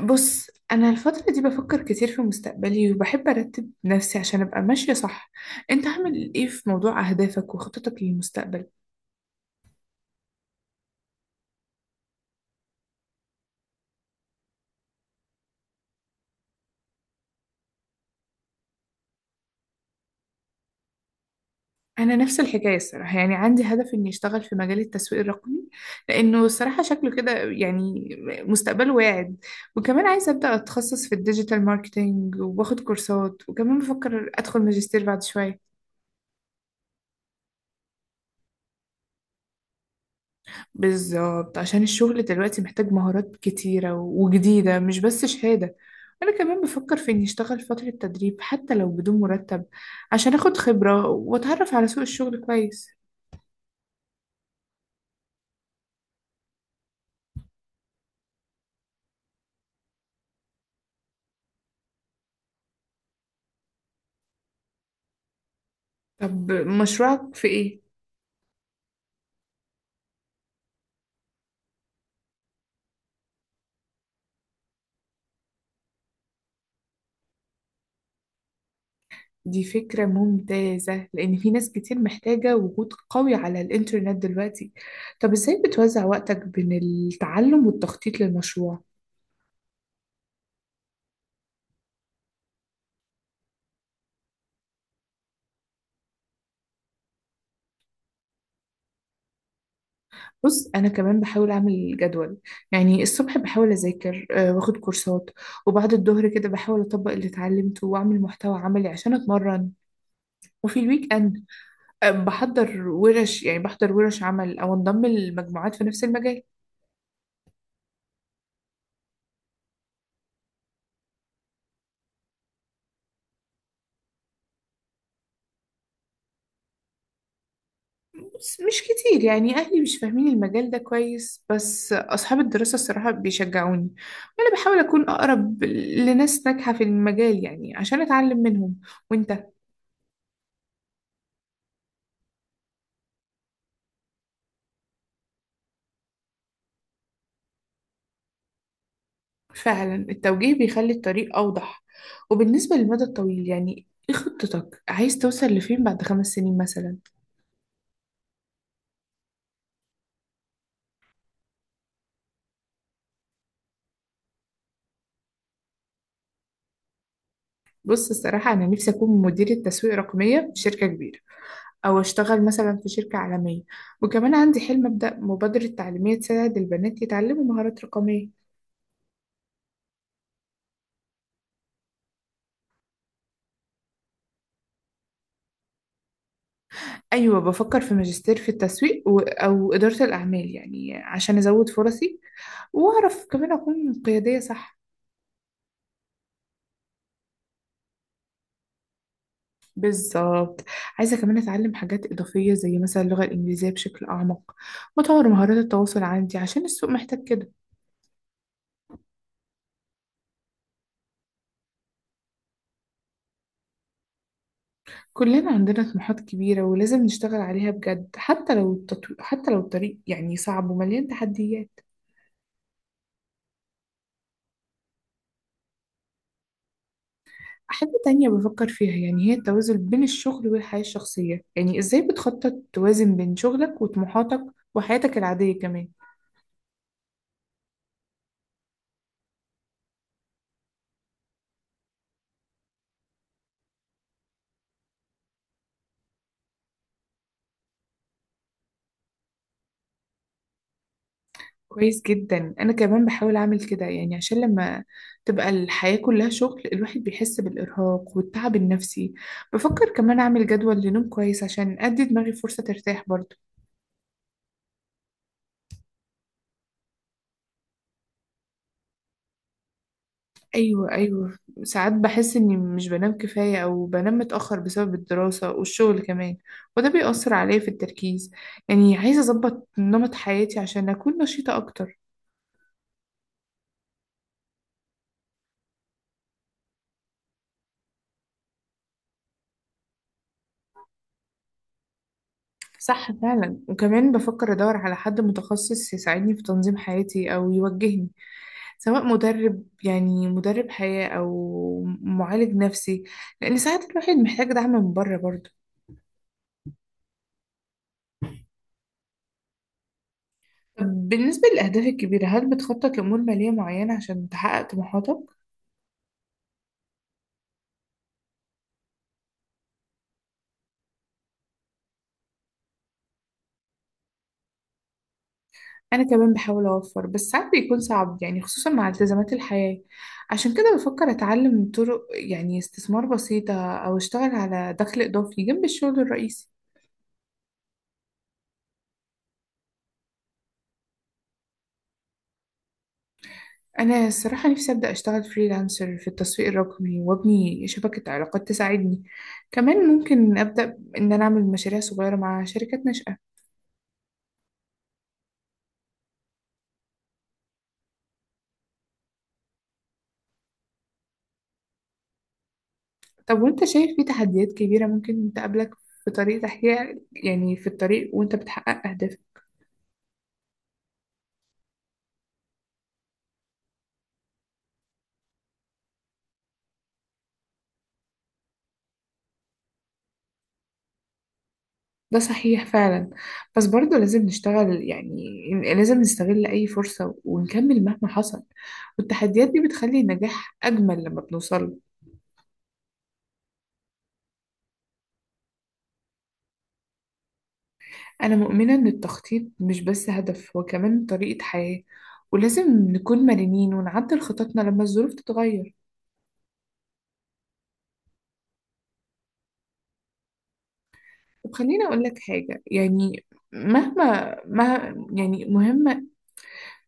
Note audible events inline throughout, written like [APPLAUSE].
بص، أنا الفترة دي بفكر كتير في مستقبلي وبحب أرتب نفسي عشان أبقى ماشية صح. أنت عامل إيه في موضوع أهدافك وخططك للمستقبل؟ أنا نفس الحكاية الصراحة، يعني عندي هدف إني أشتغل في مجال التسويق الرقمي، لأنه الصراحة شكله كده يعني مستقبله واعد. وكمان عايزة أبدأ أتخصص في الديجيتال ماركتينج وباخد كورسات، وكمان بفكر أدخل ماجستير بعد شوية. بالظبط، عشان الشغل دلوقتي محتاج مهارات كتيرة وجديدة مش بس شهادة. أنا كمان بفكر في إني أشتغل فترة تدريب حتى لو بدون مرتب، عشان أخد خبرة وأتعرف على سوق الشغل كويس. طب مشروعك في إيه؟ دي فكرة ممتازة لأن في ناس كتير محتاجة وجود قوي على الإنترنت دلوقتي. طب إزاي بتوزع وقتك بين التعلم والتخطيط للمشروع؟ بص، انا كمان بحاول اعمل جدول. يعني الصبح بحاول اذاكر واخد كورسات، وبعد الظهر كده بحاول اطبق اللي اتعلمته واعمل محتوى عملي عشان اتمرن. وفي الويك اند بحضر ورش، يعني بحضر ورش عمل او انضم لمجموعات في نفس المجال. بس مش كتير، يعني اهلي مش فاهمين المجال ده كويس، بس اصحاب الدراسة الصراحة بيشجعوني، وانا بحاول اكون اقرب لناس ناجحة في المجال يعني عشان اتعلم منهم. وانت؟ فعلا التوجيه بيخلي الطريق أوضح. وبالنسبة للمدى الطويل يعني ايه خطتك، عايز توصل لفين بعد 5 سنين مثلا؟ بص، الصراحة أنا نفسي أكون مديرة تسويق رقمية في شركة كبيرة، أو أشتغل مثلا في شركة عالمية. وكمان عندي حلم أبدأ مبادرة تعليمية تساعد البنات يتعلموا مهارات رقمية. أيوة، بفكر في ماجستير في التسويق أو إدارة الأعمال، يعني عشان أزود فرصي وأعرف كمان أكون قيادية صح. بالظبط. عايزة كمان أتعلم حاجات إضافية زي مثلا اللغة الإنجليزية بشكل أعمق، وأطور مهارات التواصل عندي عشان السوق محتاج كده. كلنا عندنا طموحات كبيرة ولازم نشتغل عليها بجد، حتى لو حتى لو الطريق يعني صعب ومليان تحديات. حاجة تانية بفكر فيها يعني هي التوازن بين الشغل والحياة الشخصية. يعني إزاي بتخطط توازن بين شغلك وطموحاتك وحياتك العادية كمان؟ كويس جدا. انا كمان بحاول اعمل كده، يعني عشان لما تبقى الحياة كلها شغل الواحد بيحس بالارهاق والتعب النفسي. بفكر كمان اعمل جدول لنوم كويس عشان ادي دماغي فرصة ترتاح برضه. ايوه ايوه. ساعات بحس اني مش بنام كفاية او بنام متأخر بسبب الدراسة والشغل كمان، وده بيأثر عليا في التركيز. يعني عايزة اظبط نمط حياتي عشان اكون نشيطة اكتر. صح فعلا. وكمان بفكر ادور على حد متخصص يساعدني في تنظيم حياتي او يوجهني، سواء مدرب يعني مدرب حياة أو معالج نفسي، لأن ساعات الواحد محتاج دعم من بره برضه. طب بالنسبة للأهداف الكبيرة، هل بتخطط لأمور مالية معينة عشان تحقق طموحاتك؟ أنا كمان بحاول أوفر، بس ساعات بيكون صعب يعني خصوصا مع التزامات الحياة. عشان كده بفكر أتعلم طرق يعني استثمار بسيطة أو أشتغل على دخل إضافي جنب الشغل الرئيسي. أنا الصراحة نفسي أبدأ أشتغل فريلانسر في التسويق الرقمي وأبني شبكة علاقات تساعدني. كمان ممكن أبدأ إن أنا أعمل مشاريع صغيرة مع شركات ناشئة. طب وأنت شايف في تحديات كبيرة ممكن تقابلك في طريق تحقيق يعني في الطريق وأنت بتحقق أهدافك؟ ده صحيح فعلا. بس برضه لازم نشتغل، يعني لازم نستغل أي فرصة ونكمل مهما حصل، والتحديات دي بتخلي النجاح أجمل لما بنوصله. أنا مؤمنة إن التخطيط مش بس هدف، هو كمان طريقة حياة، ولازم نكون مرنين ونعدل خططنا لما الظروف تتغير. طب خليني أقول لك حاجة يعني. مهما ما يعني مهمة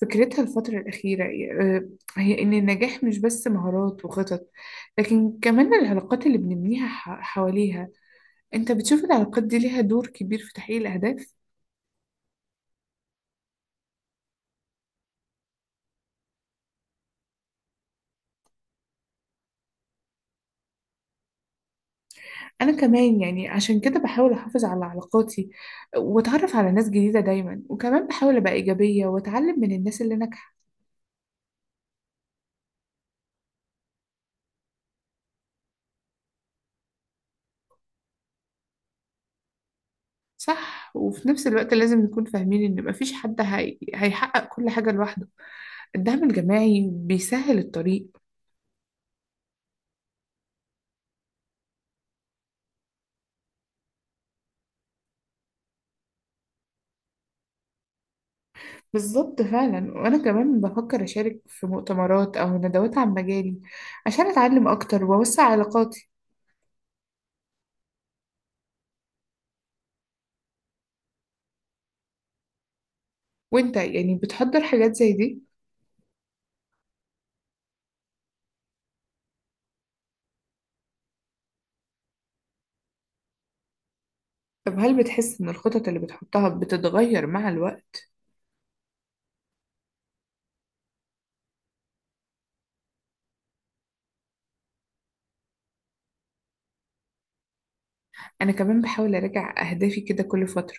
فكرتها الفترة الأخيرة، آه، هي إن النجاح مش بس مهارات وخطط، لكن كمان العلاقات اللي بنبنيها حواليها. أنت بتشوف العلاقات دي ليها دور كبير في تحقيق الأهداف؟ أنا كمان يعني عشان كده بحاول أحافظ على علاقاتي وأتعرف على ناس جديدة دايما، وكمان بحاول أبقى إيجابية وأتعلم من الناس اللي ناجحة. صح. وفي نفس الوقت لازم نكون فاهمين إن مفيش حد هيحقق كل حاجة لوحده، الدعم الجماعي بيسهل الطريق. بالظبط فعلا. وأنا كمان بفكر أشارك في مؤتمرات أو ندوات عن مجالي عشان أتعلم أكتر وأوسع علاقاتي. وإنت يعني بتحضر حاجات زي دي؟ طب هل بتحس إن الخطط اللي بتحطها بتتغير مع الوقت؟ أنا كمان بحاول أراجع أهدافي كده كل فترة،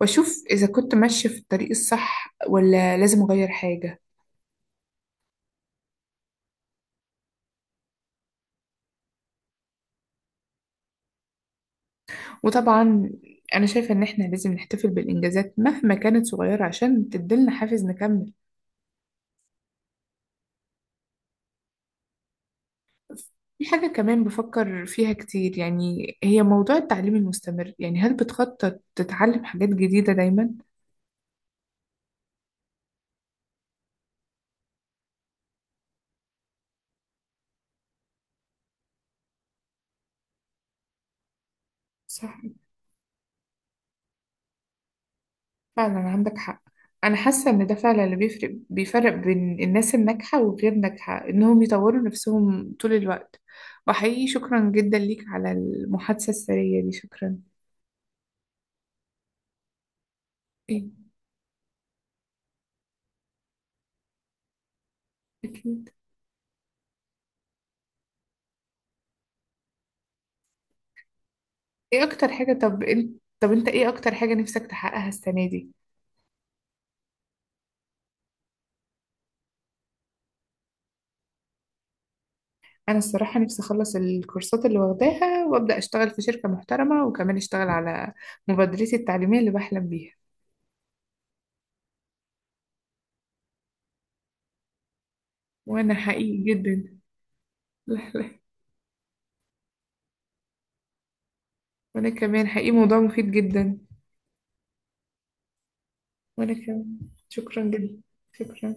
وأشوف إذا كنت ماشية في الطريق الصح ولا لازم أغير حاجة. وطبعا، أنا شايفة إن إحنا لازم نحتفل بالإنجازات مهما كانت صغيرة عشان تديلنا حافز نكمل. في حاجة كمان بفكر فيها كتير، يعني هي موضوع التعليم المستمر. يعني هل بتخطط تتعلم حاجات جديدة دايما؟ صح، فعلا عندك حق. أنا حاسة إن ده فعلا اللي بيفرق بين الناس الناجحة وغير ناجحة، إنهم يطوروا نفسهم طول الوقت. وحقيقي شكرا جدا ليك على المحادثة السرية دي، شكرا. إيه؟ أكيد. إيه أكتر حاجة طب إنت طب أنت إيه أكتر حاجة نفسك تحققها السنة دي؟ أنا الصراحة نفسي أخلص الكورسات اللي واخداها وأبدأ أشتغل في شركة محترمة، وكمان أشتغل على مبادرتي التعليمية اللي بحلم بيها. وأنا حقيقي جدا. [LAUGHS] لا لا. وأنا كمان حقيقي موضوع مفيد جدا. وأنا كمان. شكرا جدا. شكرا.